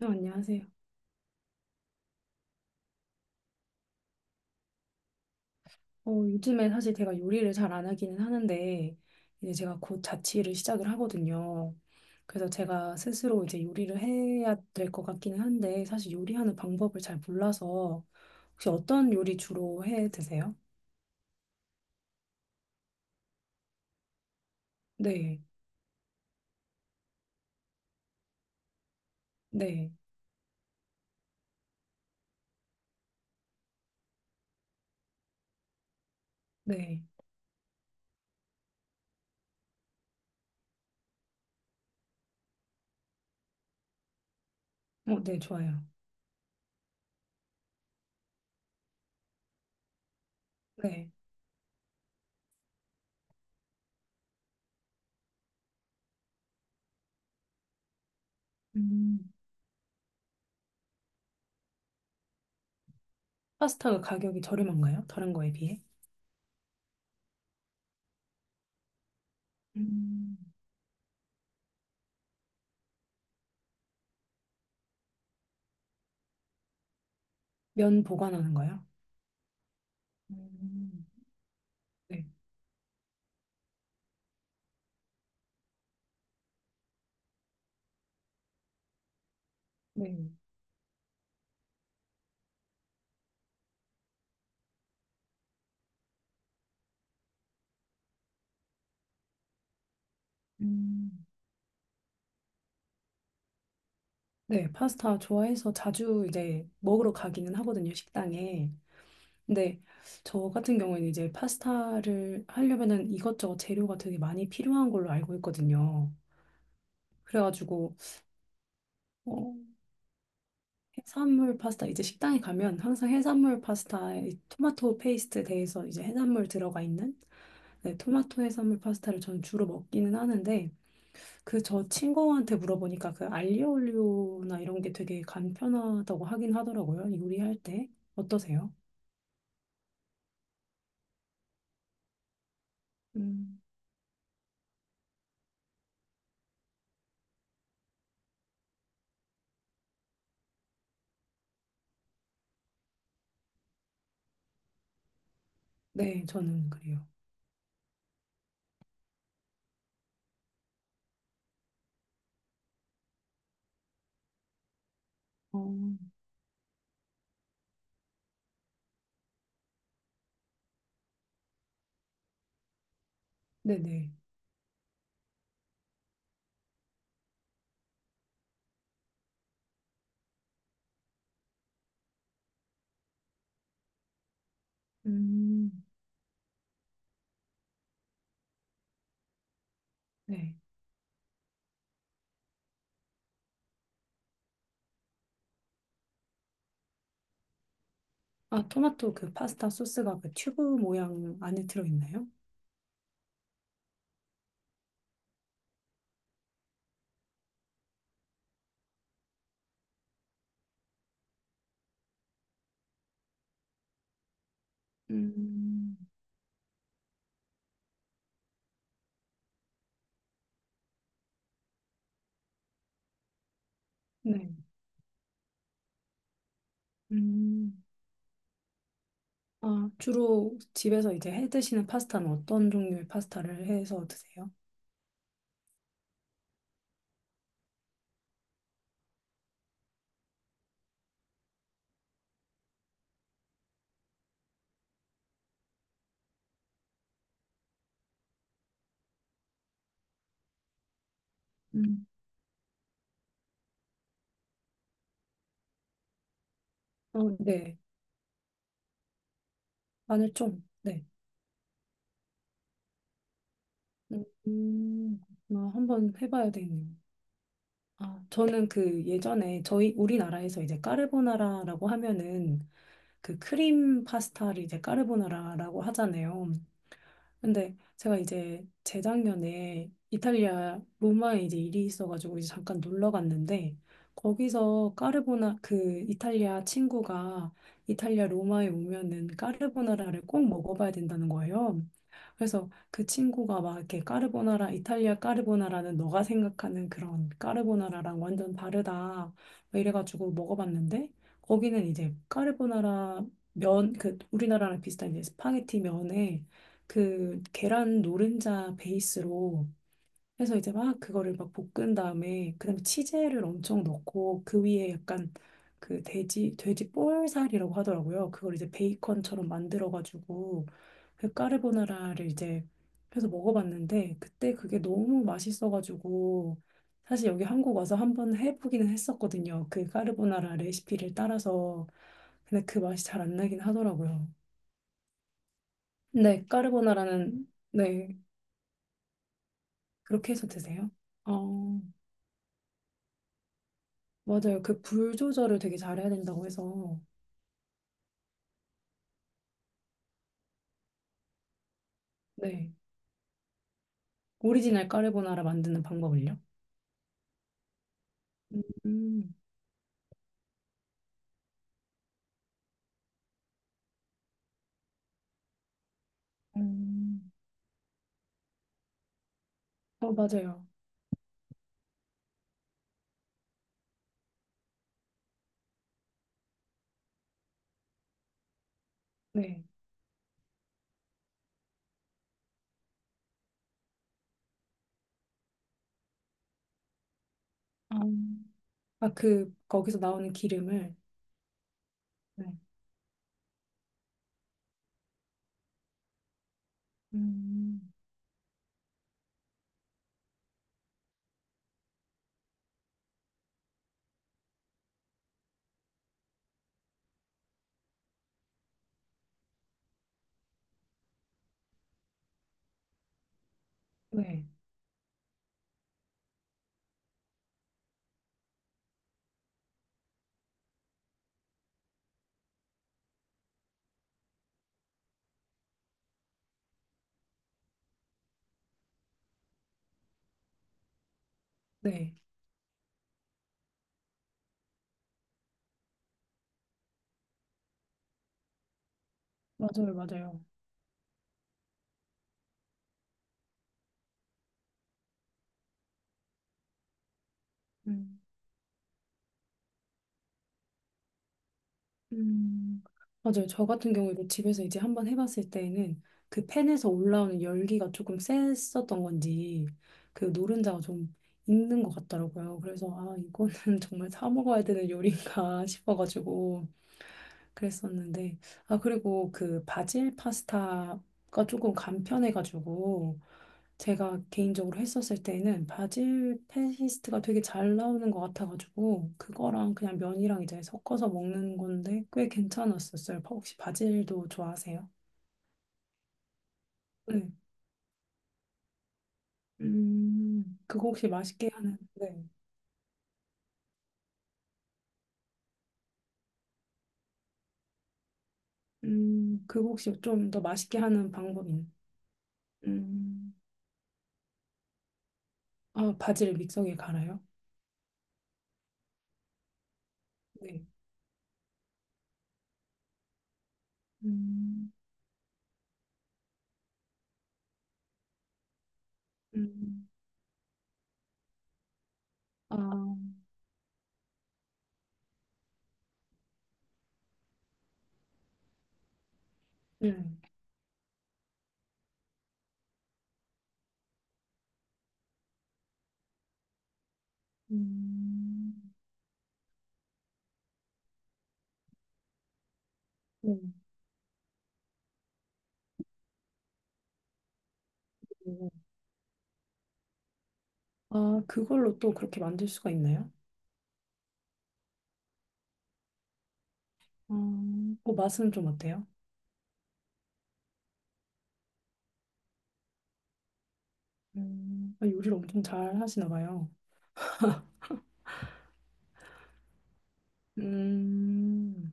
네, 안녕하세요. 요즘에 사실 제가 요리를 잘 안 하기는 하는데, 이제 제가 곧 자취를 시작을 하거든요. 그래서 제가 스스로 이제 요리를 해야 될 것 같기는 한데, 사실 요리하는 방법을 잘 몰라서, 혹시 어떤 요리 주로 해 드세요? 네, 네, 네. 네, 좋아요. 네. 음, 파스타가 가격이 저렴한가요? 다른 거에 비해? 음, 면 보관하는 거요? 음, 네, 네. 음. 네, 파스타 좋아해서 자주 이제 먹으러 가기는 하거든요, 식당에. 근데 저 같은 경우에는 이제 파스타를 하려면은 이것저것 재료가 되게 많이 필요한 걸로 알고 있거든요. 그래가지고, 어, 해산물 파스타, 이제 식당에 가면 항상 해산물 파스타에 이 토마토 페이스트 대해서 이제 해산물 들어가 있는 네, 토마토 해산물 파스타를 저는 주로 먹기는 하는데, 그 저 친구한테 물어보니까 그 알리오올리오나 이런 게 되게 간편하다고 하긴 하더라고요. 요리할 때. 어떠세요? 음, 네, 저는 그래요. 어, 네네. 음, 네. 아, 토마토 그 파스타 소스가 그 튜브 모양 안에 들어있나요? 음, 네. 음. 아, 주로 집에서 이제 해 드시는 파스타는 어떤 종류의 파스타를 해서 드세요? 음. 어, 네. 마늘 좀. 네. 음, 아, 한번 해봐야 되네요. 아, 저는 그 예전에 저희 우리나라에서 이제 까르보나라라고 하면은 그 크림 파스타를 이제 까르보나라라고 하잖아요. 근데 제가 이제 재작년에 이탈리아 로마에 이제 일이 있어가지고 이제 잠깐 놀러 갔는데 거기서 까르보나 그 이탈리아 친구가 이탈리아 로마에 오면은 까르보나라를 꼭 먹어봐야 된다는 거예요. 그래서 그 친구가 막 이렇게 까르보나라 이탈리아 까르보나라는 너가 생각하는 그런 까르보나라랑 완전 다르다 막 이래가지고 먹어봤는데 거기는 이제 까르보나라 면 그 우리나라랑 비슷한 이제 스파게티 면에 그 계란 노른자 베이스로 해서 이제 막 그거를 막 볶은 다음에 그다음에 치즈를 엄청 넣고 그 위에 약간 그 돼지 볼살이라고 하더라고요. 그걸 이제 베이컨처럼 만들어 가지고 그 까르보나라를 이제 해서 먹어봤는데 그때 그게 너무 맛있어 가지고 사실 여기 한국 와서 한번 해보기는 했었거든요. 그 까르보나라 레시피를 따라서 근데 그 맛이 잘 안 나긴 하더라고요. 근데 까르보나라는 네 그렇게 해서 드세요? 어, 맞아요. 그 불 조절을 되게 잘해야 된다고 해서, 네. 오리지널 까르보나라 만드는 방법을요? 음, 음, 어, 맞아요. 네. 아, 아, 그, 거기서 나오는 기름을, 네, 음, 네, 네. 맞아요, 맞아요. 음. 음, 맞아요. 저 같은 경우에도 집에서 이제 한번 해봤을 때에는 그 팬에서 올라오는 열기가 조금 셌었던 건지 그 노른자가 좀 익는 것 같더라고요. 그래서 아, 이거는 정말 사 먹어야 되는 요리인가 싶어가지고 그랬었는데 아 그리고 그 바질 파스타가 조금 간편해가지고 제가 개인적으로 했었을 때는 바질 페이스트가 되게 잘 나오는 것 같아가지고 그거랑 그냥 면이랑 이제 섞어서 먹는 건데 꽤 괜찮았었어요. 혹시 바질도 좋아하세요? 네. 그거 혹시 맛있게 하는, 네. 그거 혹시 좀 더 맛있게 하는 방법인, 음, 아, 바질 믹서기에 갈아요? 네. 음, 음, 아. 음. 음, 음. 아, 그걸로 또 그렇게 만들 수가 있나요? 아, 맛은 좀 어때요? 아, 요리를 엄청 잘 하시나 봐요. 음,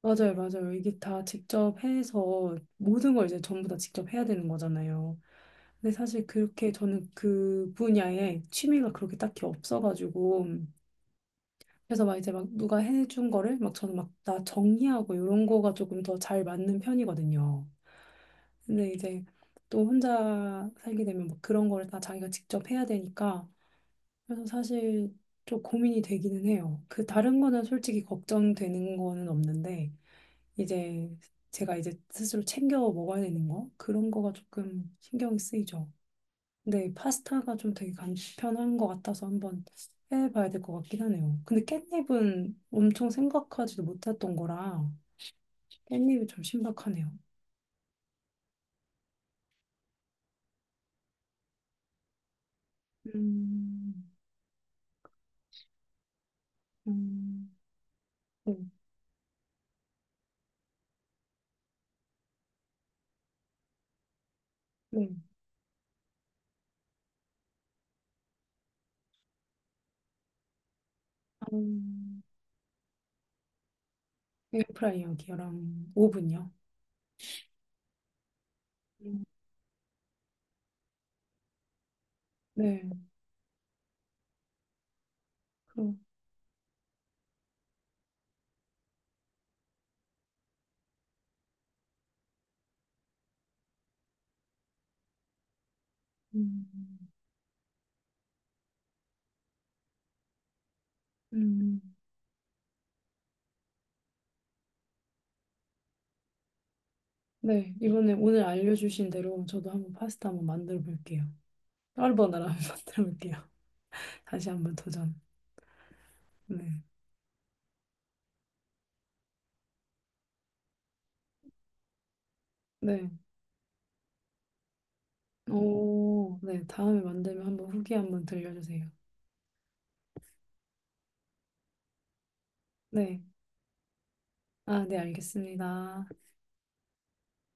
맞아요, 맞아요. 이게 다 직접 해서 모든 걸 이제 전부 다 직접 해야 되는 거잖아요. 근데 사실 그렇게 저는 그 분야에 취미가 그렇게 딱히 없어가지고 그래서 막 이제 막 누가 해준 거를 막 저는 막 다 정리하고 이런 거가 조금 더 잘 맞는 편이거든요. 근데 이제 또 혼자 살게 되면 막 그런 거를 다 자기가 직접 해야 되니까 그래서 사실 좀 고민이 되기는 해요. 그 다른 거는 솔직히 걱정되는 거는 없는데 이제 제가 이제 스스로 챙겨 먹어야 되는 거 그런 거가 조금 신경이 쓰이죠. 근데 파스타가 좀 되게 간편한 것 같아서 한번 해봐야 될 것 같긴 하네요. 근데 깻잎은 엄청 생각하지도 못했던 거라 깻잎이 좀 신박하네요. 음, 음, 네. 네. 음, 에어프라이어기랑 오븐이요. 음, 네, 그럼 음. 음, 네 이번에 오늘 알려주신 대로 저도 한번 파스타 한번 만들어 볼게요. 까르보나라 한번 만들어 볼게요. 다시 한번 도전. 네, 네, 오, 네 다음에 만들면 한번 후기 한번 들려주세요. 네, 아, 네 알겠습니다.